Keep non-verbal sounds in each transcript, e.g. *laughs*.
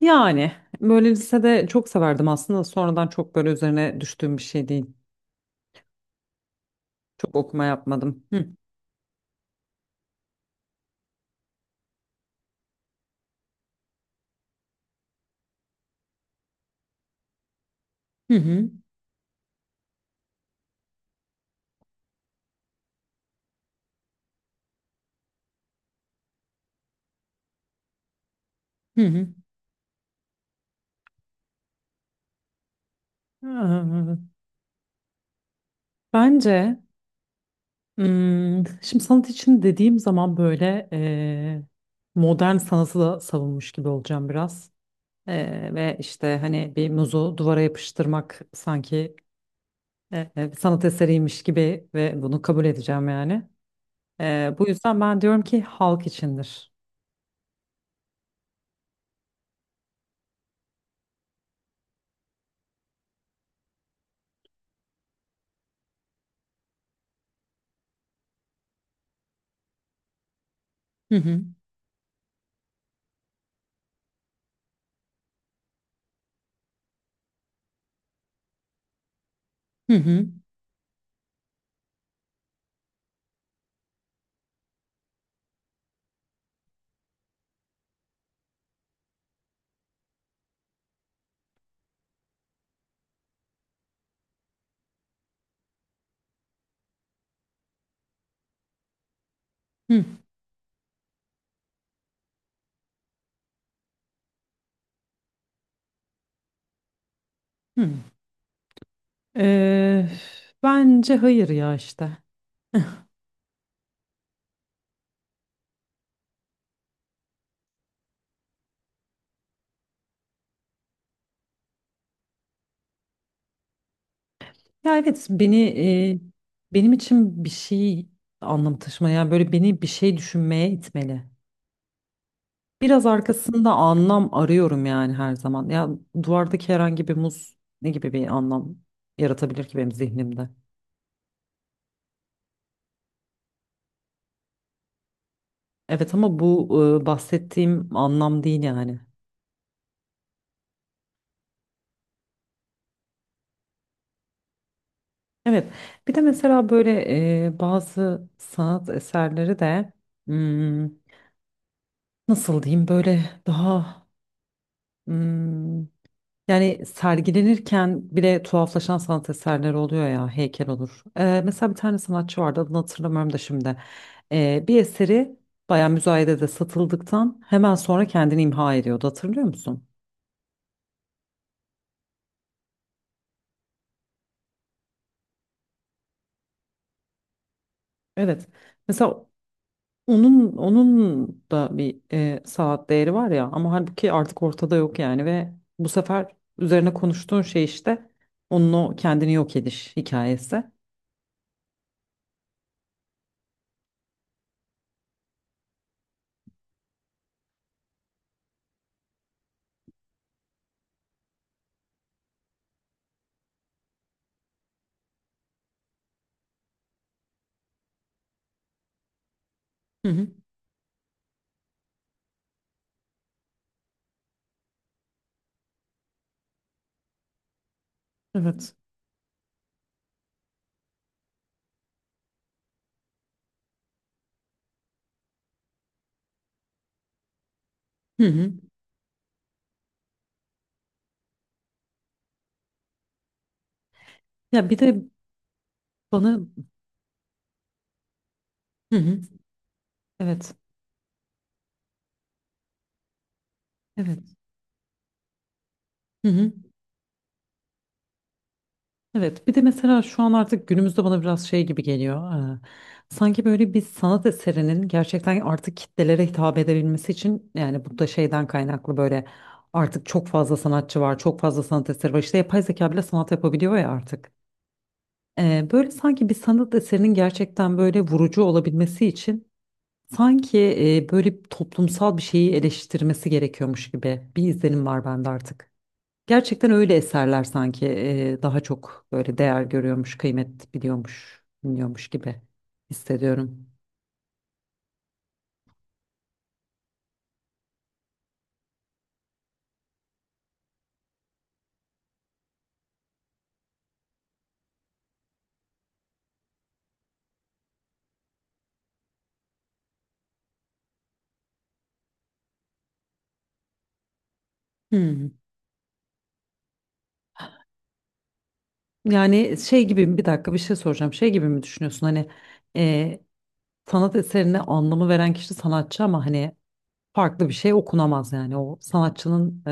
Yani böyle lisede çok severdim aslında. Sonradan çok böyle üzerine düştüğüm bir şey değil. Çok okuma yapmadım. Hı hı hı. Hı hı. Ee, Bence şimdi sanat için dediğim zaman böyle modern sanatı da savunmuş gibi olacağım biraz. Ve işte hani bir muzu duvara yapıştırmak sanki eee, sanat eseriymiş gibi ve bunu kabul edeceğim yani. Bu yüzden ben diyorum ki halk içindir. Hı hı. Hı hı. Hı hı. Eee, bence hayır ya işte. Ya evet, benim için bir şey anlam taşımaya yani böyle beni bir şey düşünmeye itmeli. Biraz arkasında anlam arıyorum yani her zaman. Ya duvardaki herhangi bir muz ne gibi bir anlam yaratabilir ki benim zihnimde? Evet ama bu bahsettiğim anlam değil yani. Evet. Bir de mesela böyle bazı sanat eserleri de hmm, nasıl diyeyim böyle daha hmm, yani sergilenirken bile tuhaflaşan sanat eserleri oluyor ya heykel olur. Mesela bir tane sanatçı vardı adını hatırlamıyorum da şimdi. Bir eseri bayağı müzayedede satıldıktan hemen sonra kendini imha ediyordu, hatırlıyor musun? Evet. Mesela onun da bir saat değeri var ya, ama halbuki artık ortada yok yani ve bu sefer üzerine konuştuğun şey işte onun o kendini yok ediş hikayesi. Hı hı. Evet. Hı hı. Ya bir de bana. Hı hı. Evet. Evet. Hı hı. Evet, bir de mesela şu an artık günümüzde bana biraz şey gibi geliyor. Sanki böyle bir sanat eserinin gerçekten artık kitlelere hitap edebilmesi için yani bu da şeyden kaynaklı böyle artık çok fazla sanatçı var, çok fazla sanat eseri var. İşte yapay zeka bile sanat yapabiliyor ya artık. Böyle sanki bir sanat eserinin gerçekten böyle vurucu olabilmesi için sanki böyle toplumsal bir şeyi eleştirmesi gerekiyormuş gibi bir izlenim var bende artık. Gerçekten öyle eserler sanki daha çok böyle değer görüyormuş, kıymet biliyormuş gibi hissediyorum. Hmm. Yani bir dakika, bir şey soracağım. Şey gibi mi düşünüyorsun hani, e, sanat eserine anlamı veren kişi sanatçı ama hani farklı bir şey okunamaz yani o sanatçının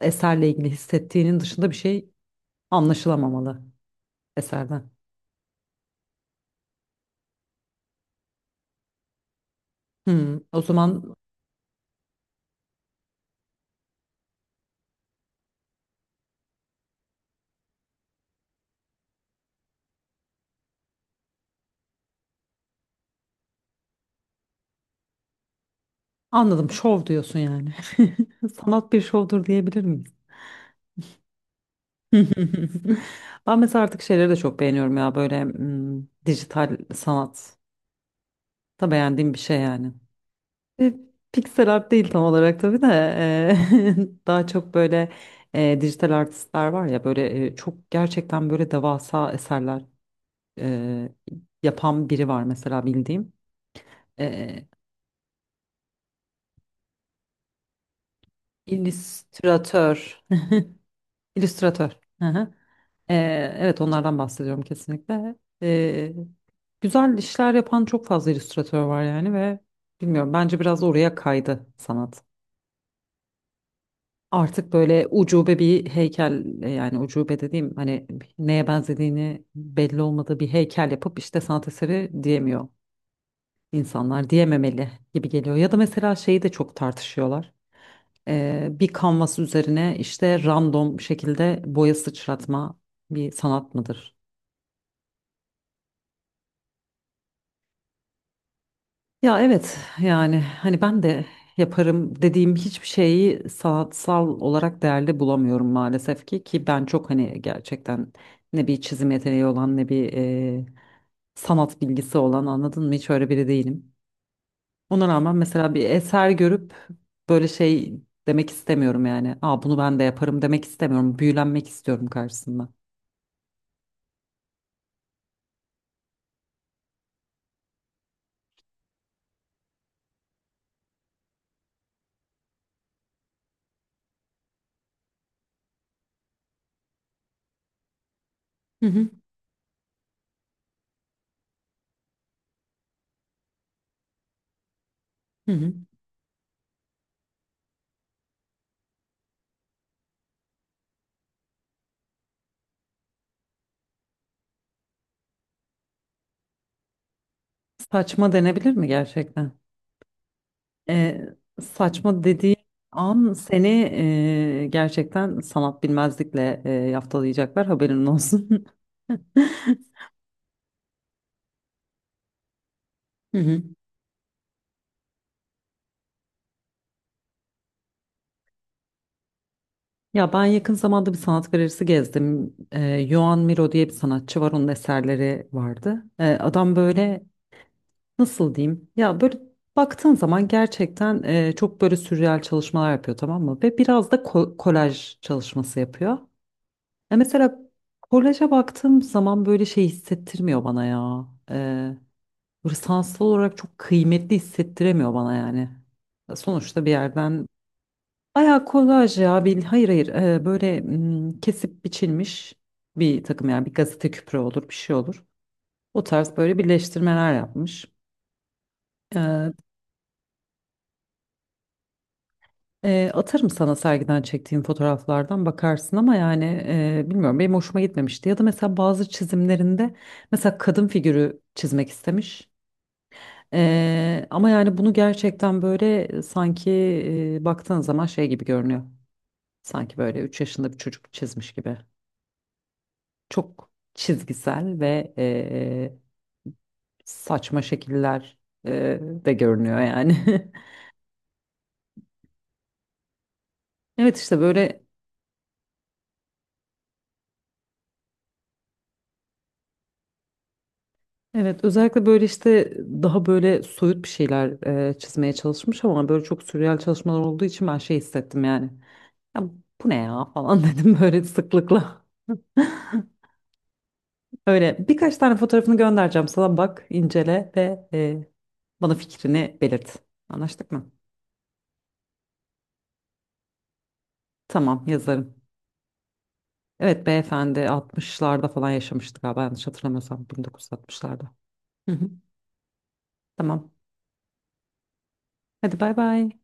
eserle ilgili hissettiğinin dışında bir şey anlaşılamamalı eserden. Hmm. O zaman anladım, şov diyorsun yani. *laughs* Sanat bir şovdur diyebilir miyiz? *laughs* Ben mesela artık şeyleri de çok beğeniyorum ya, böyle dijital sanat da beğendiğim bir şey yani. E, Pixel art değil tam olarak tabii de, *laughs* daha çok böyle dijital artistler var ya, böyle çok gerçekten böyle devasa eserler e, yapan biri var mesela bildiğim. E, illüstratör. *laughs* illüstratör. Hı hı. Evet, onlardan bahsediyorum kesinlikle. Ee, güzel işler yapan çok fazla illüstratör var yani ve bilmiyorum, bence biraz oraya kaydı sanat. Artık böyle ucube bir heykel, yani ucube dediğim hani neye benzediğini belli olmadığı bir heykel yapıp işte sanat eseri diyemiyor insanlar, diyememeli gibi geliyor. Ya da mesela şeyi de çok tartışıyorlar. Bir kanvas üzerine işte random şekilde boya sıçratma bir sanat mıdır? Ya evet, yani hani ben de yaparım dediğim hiçbir şeyi sanatsal olarak değerli bulamıyorum maalesef ki ben çok hani gerçekten ne bir çizim yeteneği olan ne bir sanat bilgisi olan, anladın mı, hiç öyle biri değilim. Ona rağmen mesela bir eser görüp böyle şey demek istemiyorum yani. Aa, bunu ben de yaparım demek istemiyorum. Büyülenmek istiyorum karşısında. Hı hı, hı hı. Saçma denebilir mi gerçekten? E, saçma dediği an seni gerçekten sanat bilmezlikle yaftalayacaklar, haberin olsun. *laughs* Hı hı. Ya ben yakın zamanda bir sanat galerisi gezdim. Joan Miro diye bir sanatçı var. Onun eserleri vardı. Adam böyle nasıl diyeyim? Ya böyle baktığın zaman gerçekten çok böyle sürreal çalışmalar yapıyor, tamam mı? Ve biraz da kolaj çalışması yapıyor. Ya mesela kolaja baktığım zaman böyle şey hissettirmiyor bana ya. Böyle sanatsal olarak çok kıymetli hissettiremiyor bana yani. Sonuçta bir yerden bayağı kolaj ya, hayır hayır, böyle kesip biçilmiş bir takım, yani bir gazete küpürü olur, bir şey olur. O tarz böyle birleştirmeler yapmış. Atarım sana, sergiden çektiğim fotoğraflardan bakarsın ama yani bilmiyorum, benim hoşuma gitmemişti. Ya da mesela bazı çizimlerinde mesela kadın figürü çizmek istemiş. Ama yani bunu gerçekten böyle sanki baktığın zaman şey gibi görünüyor. Sanki böyle 3 yaşında bir çocuk çizmiş gibi. Çok çizgisel ve saçma şekiller de görünüyor yani. *laughs* Evet işte böyle. Evet, özellikle böyle işte daha böyle soyut bir şeyler çizmeye çalışmış ama böyle çok sürreal çalışmalar olduğu için ben şey hissettim yani. Ya bu ne ya falan, *laughs* dedim böyle sıklıkla. *laughs* Öyle birkaç tane fotoğrafını göndereceğim sana, bak, incele ve bana fikrini belirt. Anlaştık mı? Tamam, yazarım. Evet beyefendi 60'larda falan yaşamıştı galiba, yanlış hatırlamıyorsam 1960'larda. Hı hı. Tamam. Hadi bay bay.